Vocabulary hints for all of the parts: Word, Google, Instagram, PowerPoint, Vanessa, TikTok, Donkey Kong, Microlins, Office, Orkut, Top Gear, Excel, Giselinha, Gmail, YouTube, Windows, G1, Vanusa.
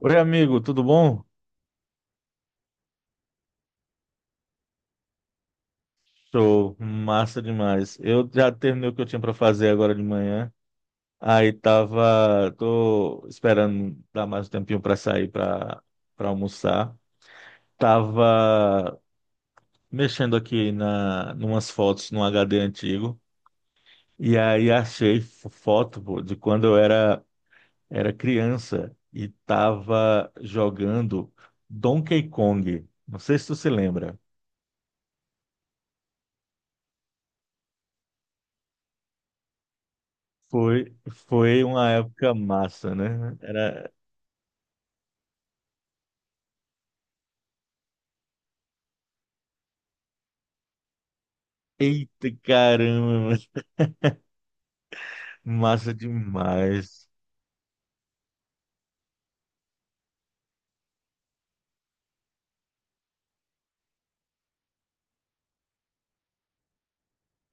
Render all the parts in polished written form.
Oi, amigo, tudo bom? Show, massa demais. Eu já terminei o que eu tinha para fazer agora de manhã. Tô esperando dar mais um tempinho para sair para almoçar. Tava mexendo aqui na numas fotos num HD antigo e aí achei foto, pô, de quando eu era criança e tava jogando Donkey Kong. Não sei se tu se lembra. Foi uma época massa, né? Eita caramba, massa demais.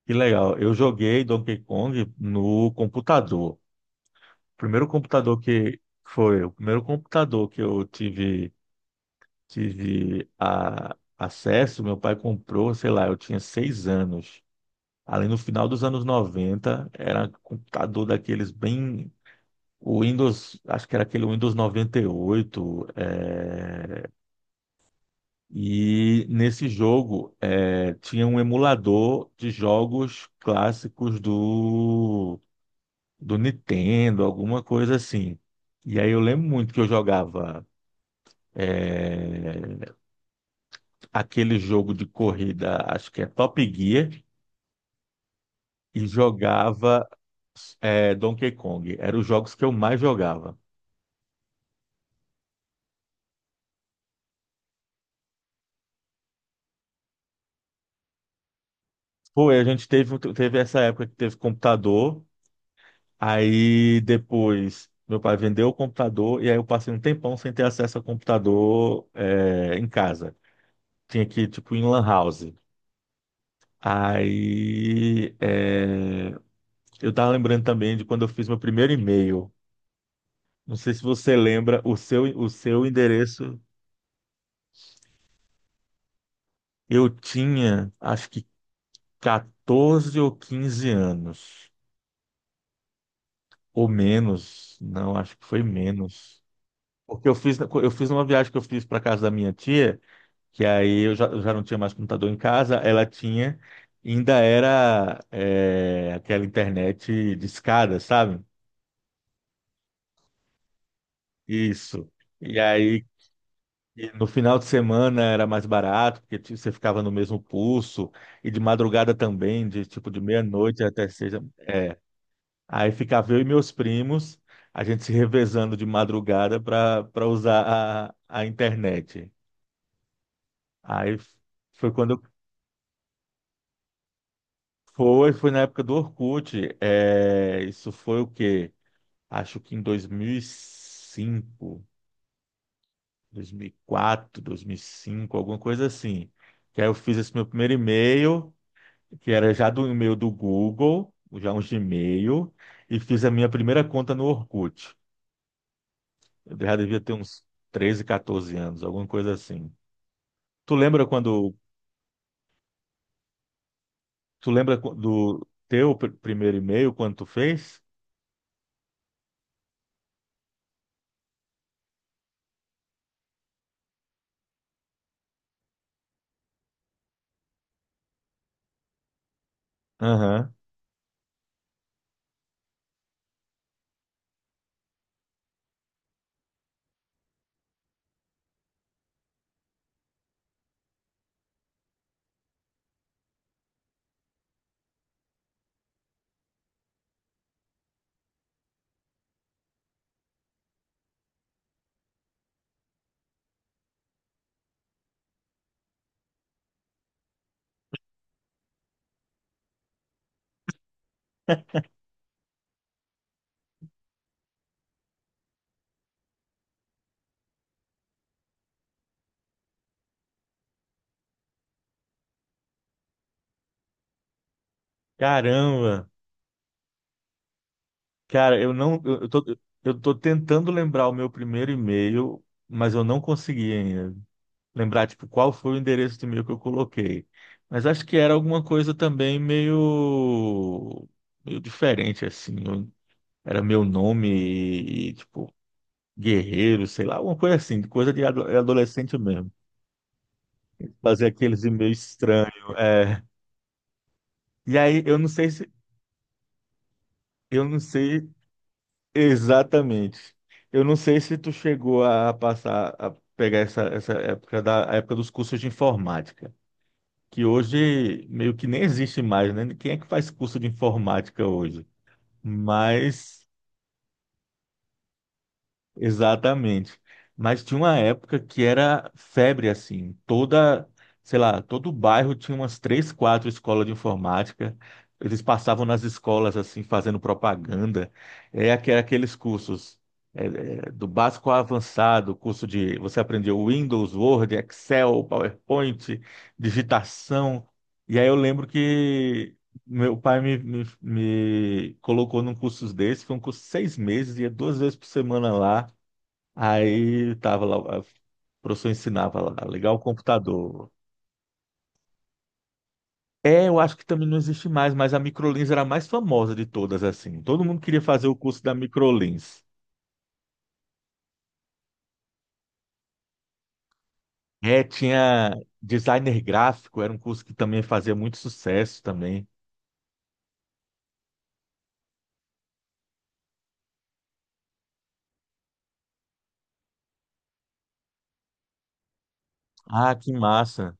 Que legal. Eu joguei Donkey Kong no computador. O primeiro computador que eu tive acesso, meu pai comprou, sei lá, eu tinha 6 anos. Ali no final dos anos 90 era um computador daqueles o Windows, acho que era aquele Windows noventa e oito. Nesse jogo, tinha um emulador de jogos clássicos do Nintendo, alguma coisa assim. E aí eu lembro muito que eu jogava é, aquele jogo de corrida, acho que é Top Gear, e jogava Donkey Kong. Eram os jogos que eu mais jogava. Pô, e a gente teve essa época que teve computador. Aí depois meu pai vendeu o computador e aí eu passei um tempão sem ter acesso ao computador em casa. Tinha que ir tipo em lan house. Aí é, eu tava lembrando também de quando eu fiz meu primeiro e-mail. Não sei se você lembra, o seu endereço. Eu tinha acho que 14 ou 15 anos. Ou menos. Não, acho que foi menos. Porque eu fiz uma viagem que eu fiz para casa da minha tia, que aí eu já não tinha mais computador em casa. Ela tinha, ainda era aquela internet discada, sabe? Isso. E aí e no final de semana era mais barato, porque você ficava no mesmo pulso, e de madrugada também, de tipo de meia-noite até seis. É. Aí ficava eu e meus primos, a gente se revezando de madrugada para usar a internet. Aí foi quando. Foi na época do Orkut. É, isso foi o quê? Acho que em 2005, 2004, 2005, alguma coisa assim. Que aí eu fiz esse meu primeiro e-mail, que era já do e-mail do Google, já um Gmail, e fiz a minha primeira conta no Orkut. Eu já devia ter uns 13, 14 anos, alguma coisa assim. Tu lembra quando, tu lembra do teu primeiro e-mail, quando tu fez? Aham. Caramba! Cara, eu não, eu tô tentando lembrar o meu primeiro e-mail, mas eu não consegui ainda lembrar, tipo, qual foi o endereço de e-mail que eu coloquei. Mas acho que era alguma coisa também meio diferente, assim. Era meu nome e, tipo, Guerreiro, sei lá, alguma coisa assim, coisa de adolescente mesmo. Fazer aqueles e-mails estranhos. É. E aí, eu não sei se, eu não sei Exatamente. Eu não sei se tu chegou a pegar essa época da a época dos cursos de informática, que hoje meio que nem existe mais, né? Quem é que faz curso de informática hoje? Mas Exatamente. Mas tinha uma época que era febre, assim. Sei lá, todo bairro tinha umas três, quatro escolas de informática. Eles passavam nas escolas, assim, fazendo propaganda. É aqueles cursos, é, do básico ao avançado, curso de... Você aprendeu Windows, Word, Excel, PowerPoint, digitação. E aí eu lembro que meu pai me colocou num curso desse. Foi um curso de 6 meses, ia 2 vezes por semana lá. Aí tava lá, o professor ensinava lá, ligar o computador. É, eu acho que também não existe mais, mas a Microlins era a mais famosa de todas, assim. Todo mundo queria fazer o curso da Microlins. É, tinha designer gráfico, era um curso que também fazia muito sucesso também. Ah, que massa.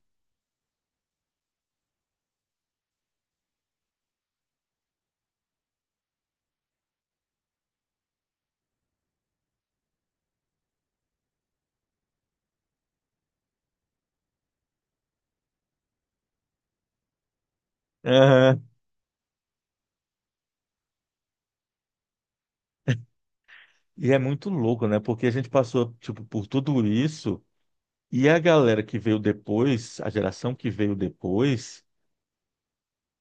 Aham. E é muito louco, né? Porque a gente passou, tipo, por tudo isso e a galera que veio depois, a geração que veio depois,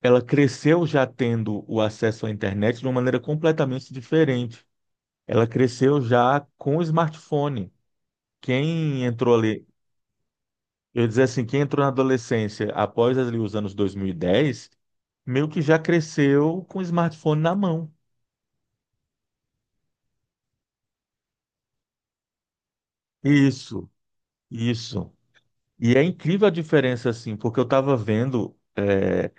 ela cresceu já tendo o acesso à internet de uma maneira completamente diferente. Ela cresceu já com o smartphone. Quem entrou ali, eu ia dizer assim, quem entrou na adolescência após ali os anos 2010, meio que já cresceu com o smartphone na mão. Isso, isso. E é incrível a diferença, assim, porque eu estava vendo,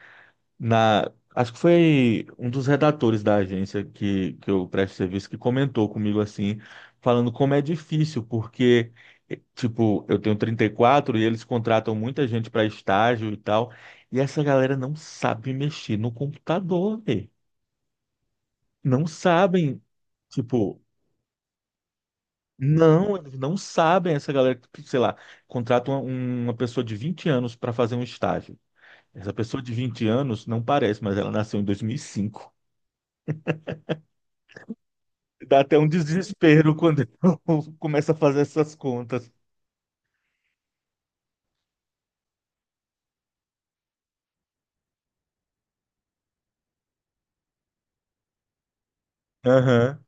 na, acho que foi um dos redatores da agência que eu presto serviço, que comentou comigo assim, falando como é difícil, porque, tipo, eu tenho 34 e eles contratam muita gente para estágio e tal, e essa galera não sabe mexer no computador, velho. Não sabem, tipo, não, eles não sabem. Essa galera que, sei lá, contrata uma pessoa de 20 anos para fazer um estágio. Essa pessoa de 20 anos não parece, mas ela nasceu em 2005. Dá até um desespero quando eu começo a fazer essas contas. Aham.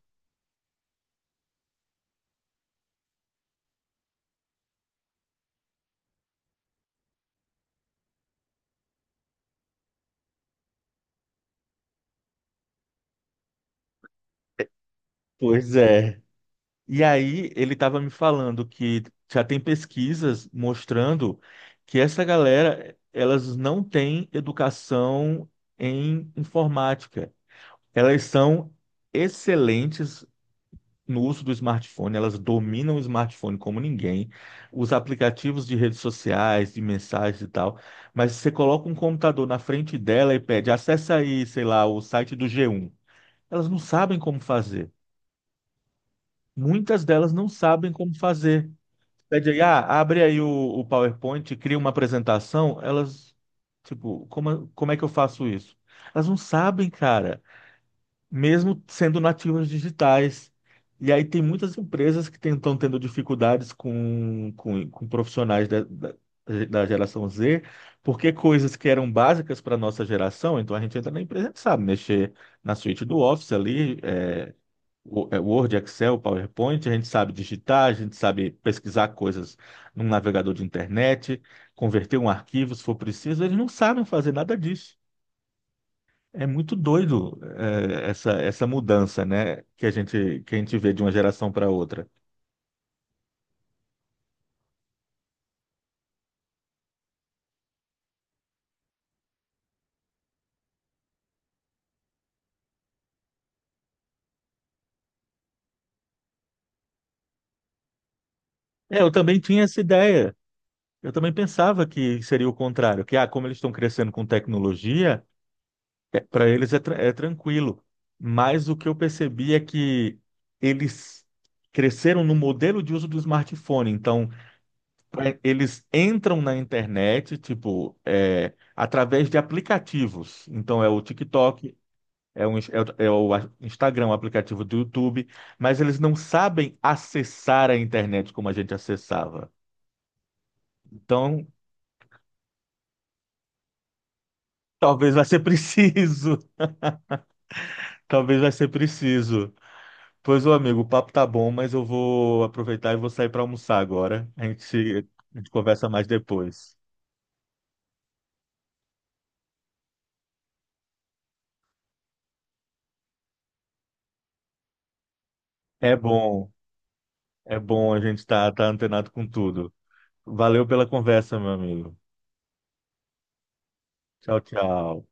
Pois é. E aí, ele estava me falando que já tem pesquisas mostrando que essa galera, elas não têm educação em informática. Elas são excelentes no uso do smartphone, elas dominam o smartphone como ninguém, os aplicativos de redes sociais, de mensagens e tal, mas você coloca um computador na frente dela e pede, acessa aí, sei lá, o site do G1. Elas não sabem como fazer. Muitas delas não sabem como fazer. Pede aí, ah, abre aí o PowerPoint, cria uma apresentação, elas, tipo, como é que eu faço isso? Elas não sabem, cara, mesmo sendo nativos digitais. E aí tem muitas empresas que estão tendo dificuldades com profissionais da geração Z, porque coisas que eram básicas para a nossa geração, então a gente entra na empresa e sabe mexer na suíte do Office, ali, Word, Excel, PowerPoint, a gente sabe digitar, a gente sabe pesquisar coisas num navegador de internet, converter um arquivo se for preciso, eles não sabem fazer nada disso. É muito doido, essa mudança, né, que a gente vê de uma geração para outra. É, eu também tinha essa ideia. Eu também pensava que seria o contrário, que ah, como eles estão crescendo com tecnologia, para eles é tranquilo. Mas o que eu percebi é que eles cresceram no modelo de uso do smartphone. Então, eles entram na internet, tipo, através de aplicativos. Então, é o TikTok, é o Instagram, o aplicativo do YouTube, mas eles não sabem acessar a internet como a gente acessava. Então, talvez vai ser preciso, talvez vai ser preciso. Pois, ô amigo, o papo tá bom, mas eu vou aproveitar e vou sair para almoçar agora. A gente conversa mais depois. É bom, é bom a gente tá antenado com tudo. Valeu pela conversa, meu amigo. Tchau, tchau.